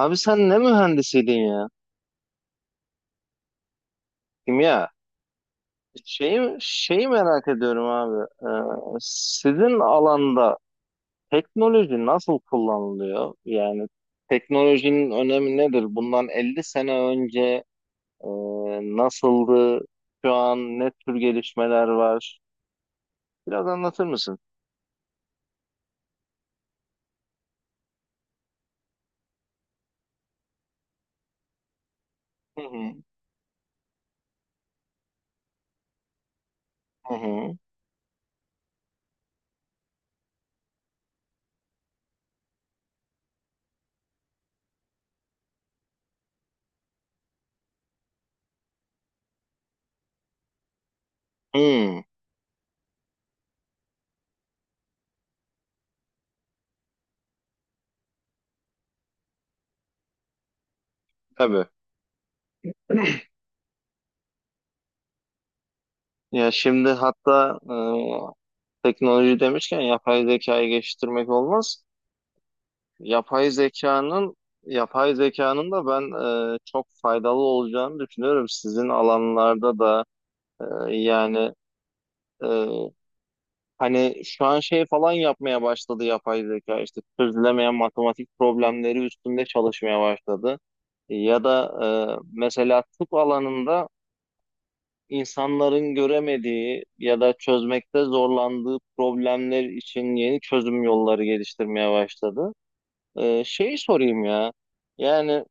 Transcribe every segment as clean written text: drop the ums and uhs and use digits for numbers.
Abi sen ne mühendisiydin ya? Kimya. Şeyi merak ediyorum abi. Sizin alanda teknoloji nasıl kullanılıyor? Yani teknolojinin önemi nedir? Bundan 50 sene önce e, nasıldı? Şu an ne tür gelişmeler var? Biraz anlatır mısın? Hı hı. Hı hı. Hı, tabii. Ya şimdi hatta teknoloji demişken yapay zekayı geliştirmek olmaz. Yapay zekanın yapay zekanın da ben çok faydalı olacağını düşünüyorum. Sizin alanlarda da e, yani e, hani şu an şey falan yapmaya başladı yapay zeka işte çözülemeyen matematik problemleri üstünde çalışmaya başladı. Ya da mesela tıp alanında insanların göremediği ya da çözmekte zorlandığı problemler için yeni çözüm yolları geliştirmeye başladı. E, şeyi sorayım ya. Yani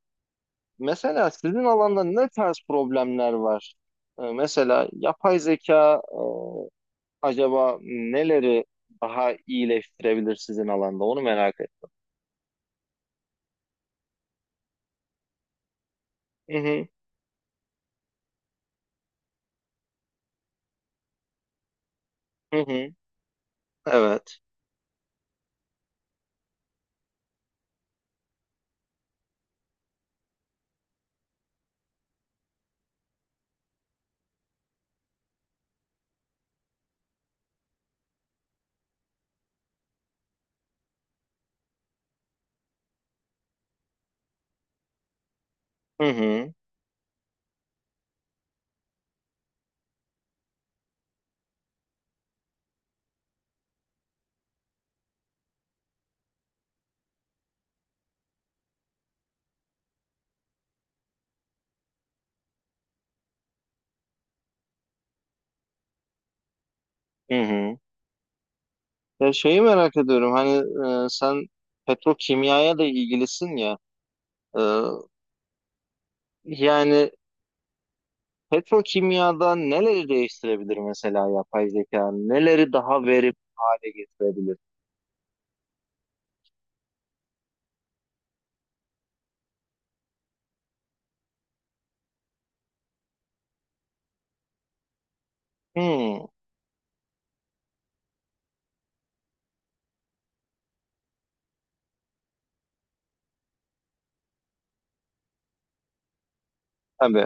mesela sizin alanda ne tarz problemler var? Mesela yapay zeka acaba neleri daha iyileştirebilir sizin alanda? Onu merak ettim. Hı hı, hı hı, evet. Hı hı, hı hı. Ya şeyi merak ediyorum hani sen petrokimyaya da ilgilisin ya. E, Yani petrokimyada neleri değiştirebilir mesela yapay zeka? Neleri daha verimli hale getirebilir? Hı, tabii.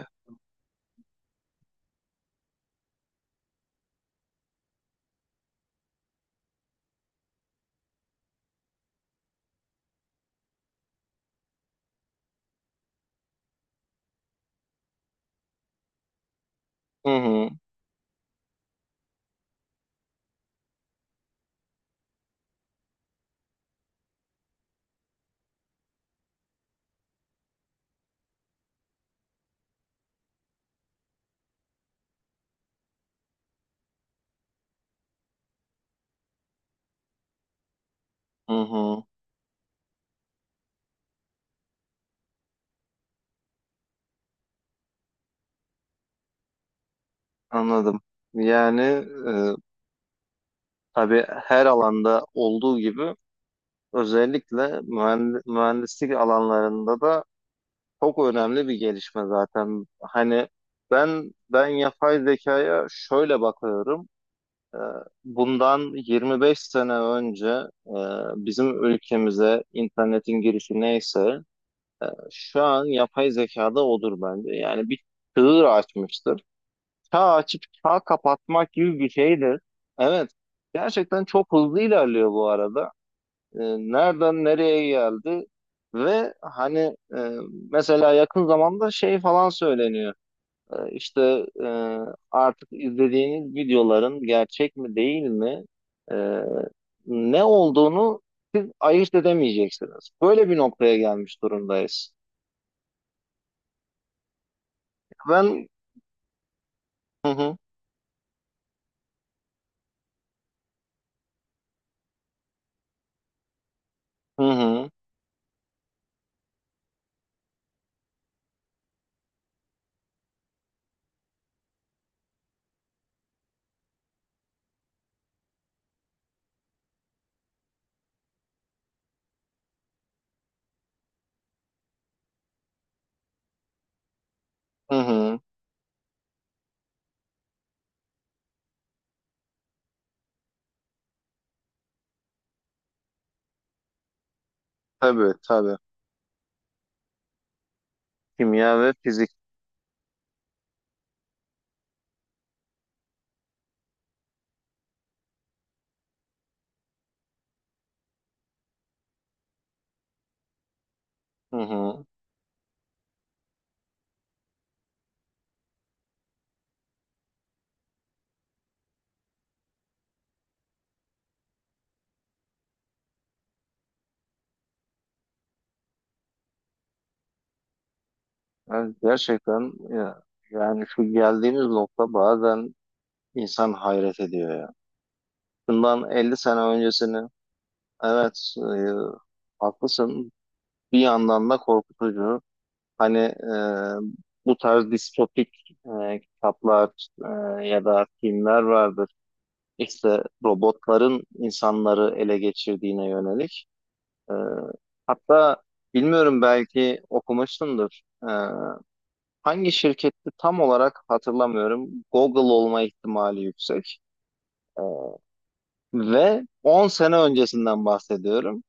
Hı hı. Hı hı. Anladım. Yani tabii her alanda olduğu gibi özellikle mühendislik alanlarında da çok önemli bir gelişme zaten. Hani ben yapay zekaya şöyle bakıyorum. E, bundan 25 sene önce e, bizim ülkemize internetin girişi neyse e, şu an yapay zekada odur bence. Yani bir çığır açmıştır. Çağ açıp çağ kapatmak gibi bir şeydir. Evet. Gerçekten çok hızlı ilerliyor bu arada. Ee, Nereden nereye geldi? Ve hani e, mesela yakın zamanda şey falan söyleniyor. İşte e, artık izlediğiniz videoların gerçek mi değil mi? e, Ne olduğunu siz ayırt edemeyeceksiniz. Böyle bir noktaya gelmiş durumdayız. Ben hı hı, hı hı, hı hı. Tabii tabii. Kimya ve fizik. Hı hı. Evet, gerçekten ya, yani şu geldiğimiz nokta bazen insan hayret ediyor ya. Bundan 50 sene öncesini evet haklısın, bir yandan da korkutucu. Hani bu tarz distopik kitaplar ya da filmler vardır. İşte robotların insanları ele geçirdiğine yönelik. E, hatta bilmiyorum belki okumuşsundur. E, hangi şirketti tam olarak hatırlamıyorum. Google olma ihtimali yüksek. Ee, Ve 10 sene öncesinden bahsediyorum.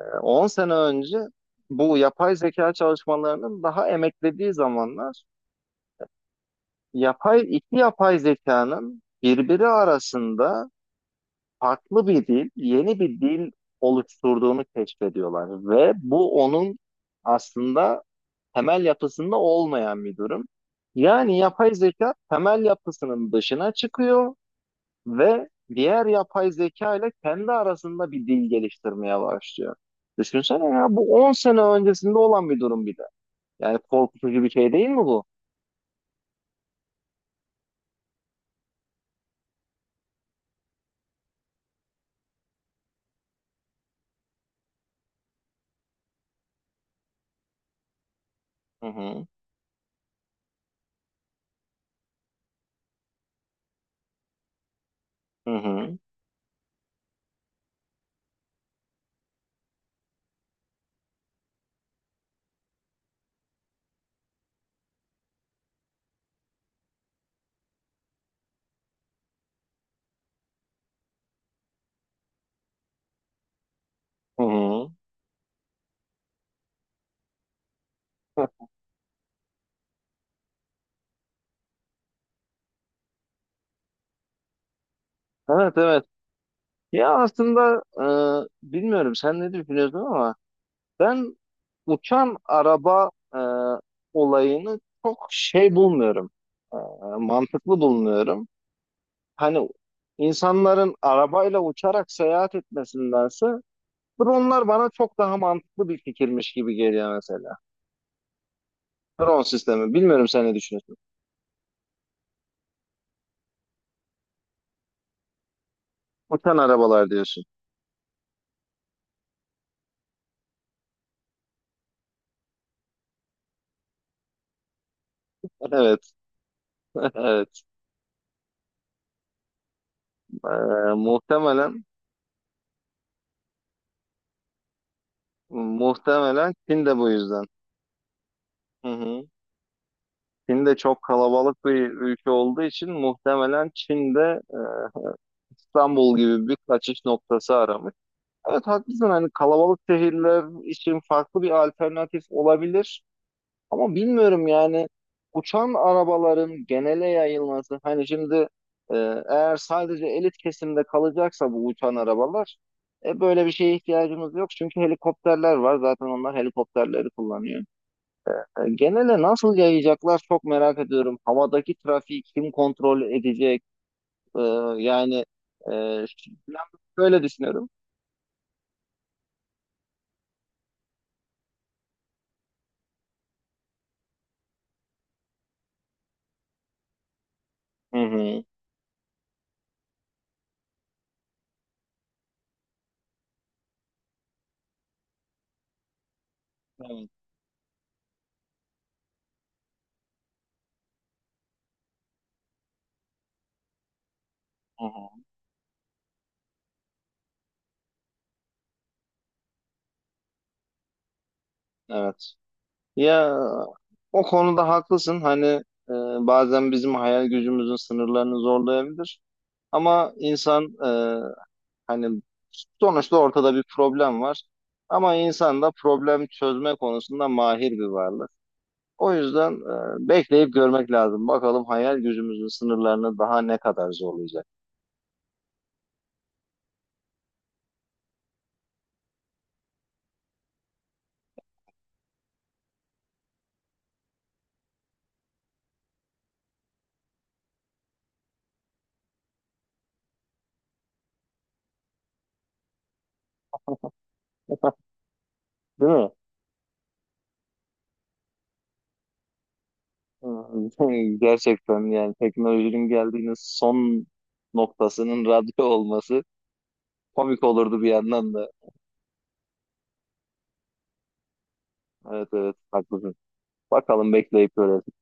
10 sene önce bu yapay zeka çalışmalarının daha emeklediği zamanlar iki yapay zekanın birbiri arasında farklı bir dil, yeni bir dil oluşturduğunu keşfediyorlar ve bu onun aslında temel yapısında olmayan bir durum. Yani yapay zeka temel yapısının dışına çıkıyor ve diğer yapay zeka ile kendi arasında bir dil geliştirmeye başlıyor. Düşünsene ya bu 10 sene öncesinde olan bir durum bir de. Yani korkutucu bir şey değil mi bu? Hı hı. Hı hı. Hı hı. Evet evet. Ya aslında bilmiyorum sen ne düşünüyorsun ama ben uçan araba olayını çok şey bulmuyorum. E, mantıklı bulmuyorum. Hani insanların arabayla uçarak seyahat etmesindense dronlar bana çok daha mantıklı bir fikirmiş gibi geliyor mesela. Drone sistemi. Bilmiyorum sen ne düşünüyorsun. Uçan arabalar diyorsun. Evet. Evet. Muhtemelen muhtemelen Çin de bu yüzden. Hı hı. Çin de çok kalabalık bir ülke olduğu için muhtemelen Çin de İstanbul gibi bir kaçış noktası aramış. Evet haklısın, hani kalabalık şehirler için farklı bir alternatif olabilir. Ama bilmiyorum yani uçan arabaların genele yayılması, hani şimdi e, eğer sadece elit kesimde kalacaksa bu uçan arabalar, böyle bir şeye ihtiyacımız yok. Çünkü helikopterler var zaten, onlar helikopterleri kullanıyor. E, genele nasıl yayacaklar çok merak ediyorum. Havadaki trafiği kim kontrol edecek? E, yani ben böyle düşünüyorum. Hı hı. Evet. Hı hı. Evet. Ya o konuda haklısın. Hani e, bazen bizim hayal gücümüzün sınırlarını zorlayabilir. Ama insan hani sonuçta ortada bir problem var. Ama insan da problem çözme konusunda mahir bir varlık. O yüzden bekleyip görmek lazım. Bakalım hayal gücümüzün sınırlarını daha ne kadar zorlayacak. Değil mi? Hı, gerçekten yani teknolojinin geldiğiniz son noktasının radyo olması komik olurdu bir yandan da. Evet evet haklısın. Bakalım bekleyip göreceğiz.